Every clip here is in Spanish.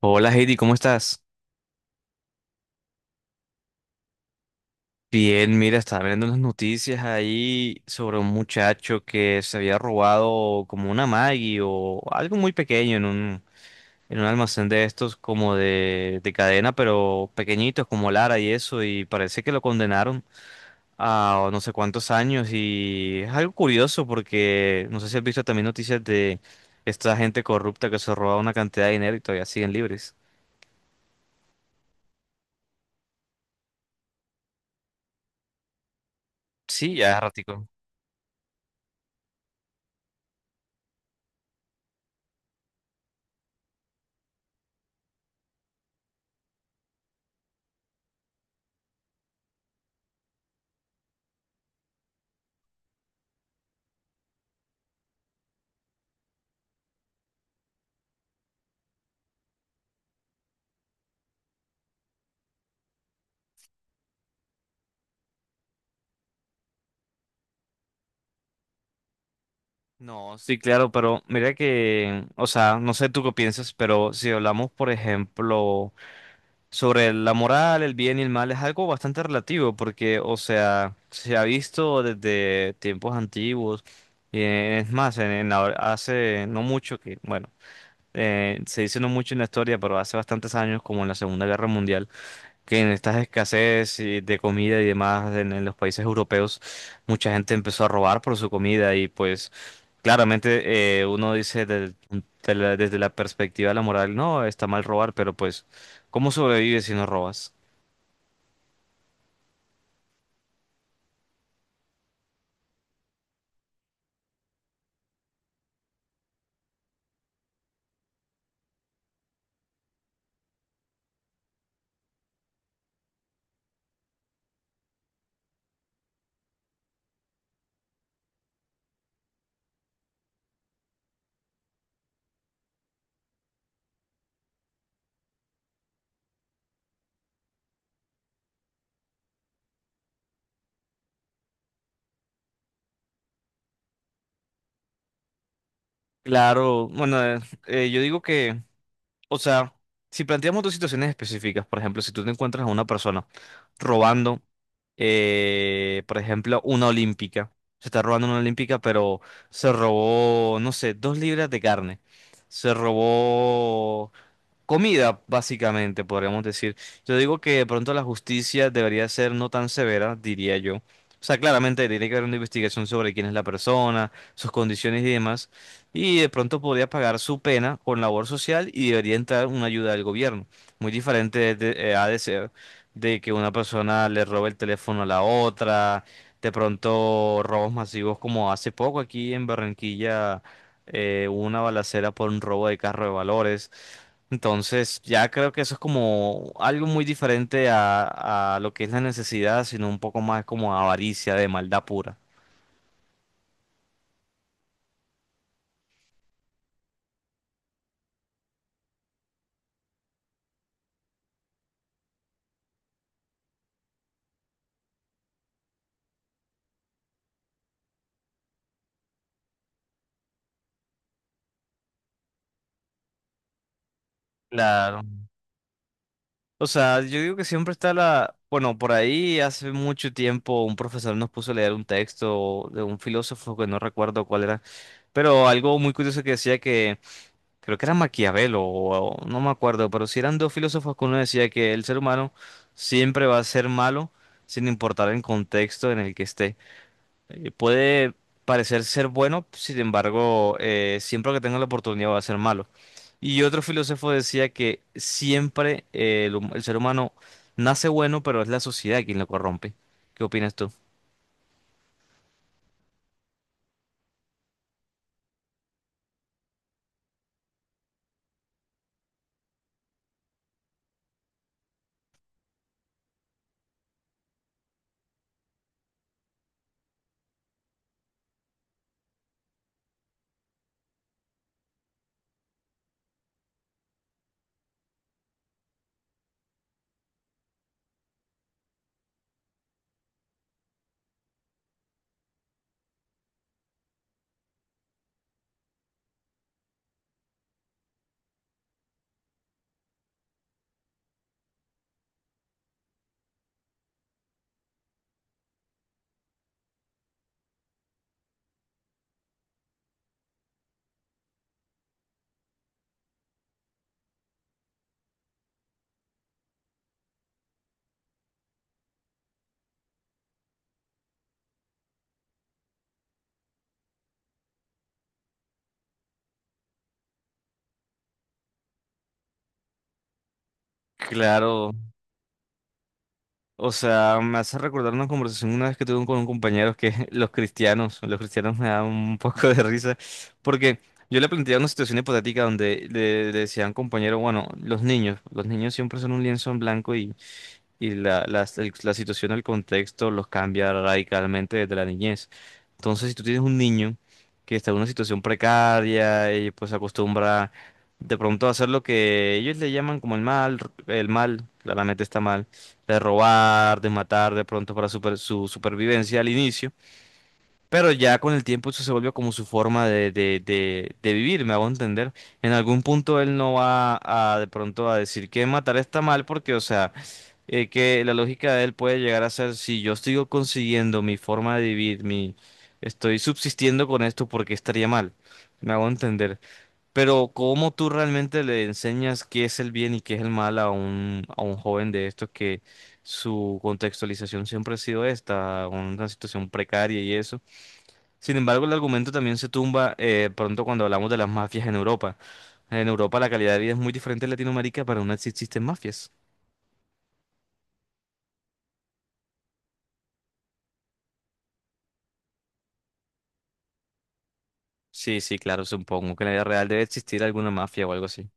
Hola Heidi, ¿cómo estás? Bien, mira, estaba viendo unas noticias ahí sobre un muchacho que se había robado como una Maggie o algo muy pequeño en un almacén de estos como de cadena, pero pequeñitos como Lara y eso, y parece que lo condenaron a no sé cuántos años, y es algo curioso porque no sé si has visto también noticias de esta gente corrupta que se roba una cantidad de dinero y todavía siguen libres. Sí, ya es ratico. No, sí, claro, pero mira que, o sea, no sé tú qué piensas, pero si hablamos, por ejemplo, sobre la moral, el bien y el mal, es algo bastante relativo, porque, o sea, se ha visto desde tiempos antiguos, y es más, hace no mucho que, bueno, se dice no mucho en la historia, pero hace bastantes años, como en la Segunda Guerra Mundial, que en estas escasez y de comida y demás en los países europeos, mucha gente empezó a robar por su comida, y pues claramente uno dice desde la perspectiva de la moral, no, está mal robar, pero pues, ¿cómo sobrevives si no robas? Claro, bueno, yo digo que, o sea, si planteamos dos situaciones específicas, por ejemplo, si tú te encuentras a una persona robando, por ejemplo, una olímpica, se está robando una olímpica, pero se robó, no sé, dos libras de carne, se robó comida, básicamente, podríamos decir. Yo digo que de pronto la justicia debería ser no tan severa, diría yo. O sea, claramente tiene que haber una investigación sobre quién es la persona, sus condiciones y demás. Y de pronto podría pagar su pena con labor social y debería entrar una ayuda del gobierno. Muy diferente ha de ser de que una persona le robe el teléfono a la otra. De pronto, robos masivos como hace poco aquí en Barranquilla, hubo una balacera por un robo de carro de valores. Entonces, ya creo que eso es como algo muy diferente a lo que es la necesidad, sino un poco más como avaricia de maldad pura. Claro. O sea, yo digo que siempre está la... Bueno, por ahí hace mucho tiempo un profesor nos puso a leer un texto de un filósofo que no recuerdo cuál era, pero algo muy curioso que decía que creo que era Maquiavelo, o no me acuerdo, pero si eran dos filósofos que uno decía que el ser humano siempre va a ser malo sin importar el contexto en el que esté. Puede parecer ser bueno, sin embargo, siempre que tenga la oportunidad va a ser malo. Y otro filósofo decía que siempre el ser humano nace bueno, pero es la sociedad quien lo corrompe. ¿Qué opinas tú? Claro, o sea, me hace recordar una conversación una vez que tuve con un compañero que los cristianos me dan un poco de risa, porque yo le planteaba una situación hipotética donde le decía a un compañero, bueno, los niños siempre son un lienzo en blanco y la situación, el contexto los cambia radicalmente desde la niñez. Entonces, si tú tienes un niño que está en una situación precaria y pues se acostumbra de pronto a hacer lo que ellos le llaman como el mal, claramente está mal, de robar, de matar de pronto para su supervivencia al inicio, pero ya con el tiempo eso se volvió como su forma de vivir, me hago entender. En algún punto él no va a de pronto a decir que matar está mal porque, o sea, que la lógica de él puede llegar a ser, si yo sigo consiguiendo mi forma de vivir, mi, estoy subsistiendo con esto, ¿porque estaría mal? Me hago entender. Pero ¿cómo tú realmente le enseñas qué es el bien y qué es el mal a a un joven de estos que su contextualización siempre ha sido esta, una situación precaria y eso? Sin embargo, el argumento también se tumba pronto cuando hablamos de las mafias en Europa. En Europa la calidad de vida es muy diferente en Latinoamérica, pero aún así existen mafias. Sí, sí, claro, supongo que en la vida real debe existir alguna mafia o algo así. O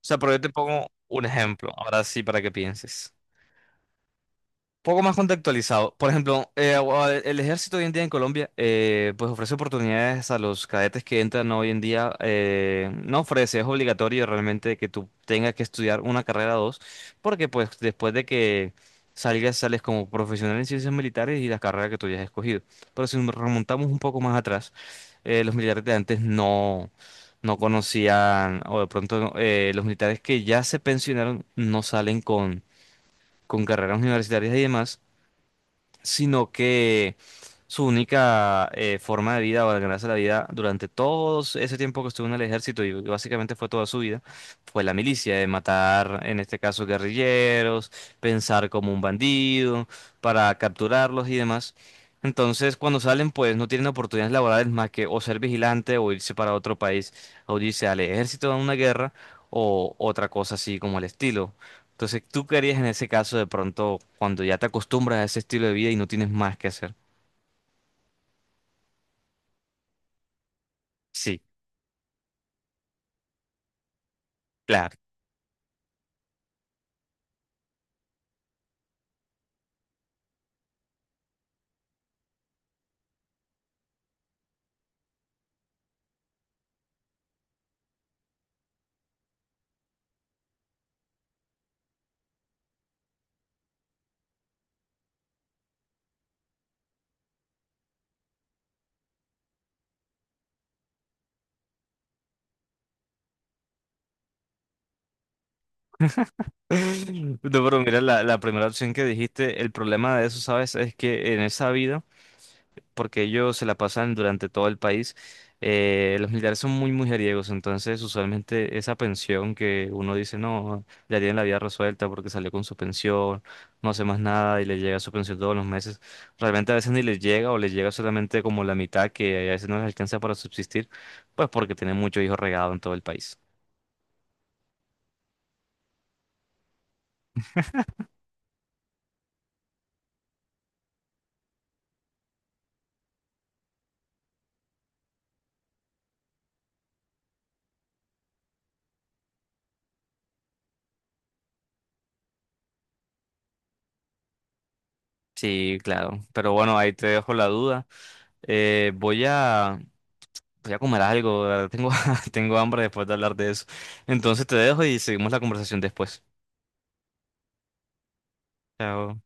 sea, pero yo te pongo un ejemplo, ahora sí, para que pienses. Poco más contextualizado. Por ejemplo, el ejército hoy en día en Colombia, pues ofrece oportunidades a los cadetes que entran hoy en día. No ofrece, es obligatorio realmente que tú tengas que estudiar una carrera o dos, porque pues después de que salgas, sales como profesional en ciencias militares y la carrera que tú hayas escogido. Pero si nos remontamos un poco más atrás, los militares de antes no... No conocían, o de pronto los militares que ya se pensionaron no salen con carreras universitarias y demás, sino que su única forma de vida o de ganarse la vida durante todo ese tiempo que estuvo en el ejército y básicamente fue toda su vida, fue la milicia, de matar, en este caso, guerrilleros, pensar como un bandido, para capturarlos y demás. Entonces, cuando salen, pues no tienen oportunidades laborales más que o ser vigilante, o irse para otro país, o irse al ejército a una guerra, o otra cosa así como el estilo. Entonces, ¿tú qué harías en ese caso de pronto cuando ya te acostumbras a ese estilo de vida y no tienes más que hacer? Sí, claro. No, pero mira, la primera opción que dijiste, el problema de eso, ¿sabes? Es que en esa vida... porque ellos se la pasan durante todo el país. Los militares son muy mujeriegos, entonces usualmente esa pensión que uno dice, no, ya tiene la vida resuelta porque salió con su pensión, no hace más nada y le llega su pensión todos los meses, realmente a veces ni les llega o les llega solamente como la mitad, que a veces no les alcanza para subsistir, pues porque tienen muchos hijos regados en todo el país. Sí, claro, pero bueno, ahí te dejo la duda. Eh, voy a Voy a comer algo, la verdad, tengo, tengo hambre después de hablar de eso. Entonces te dejo y seguimos la conversación después. Chao.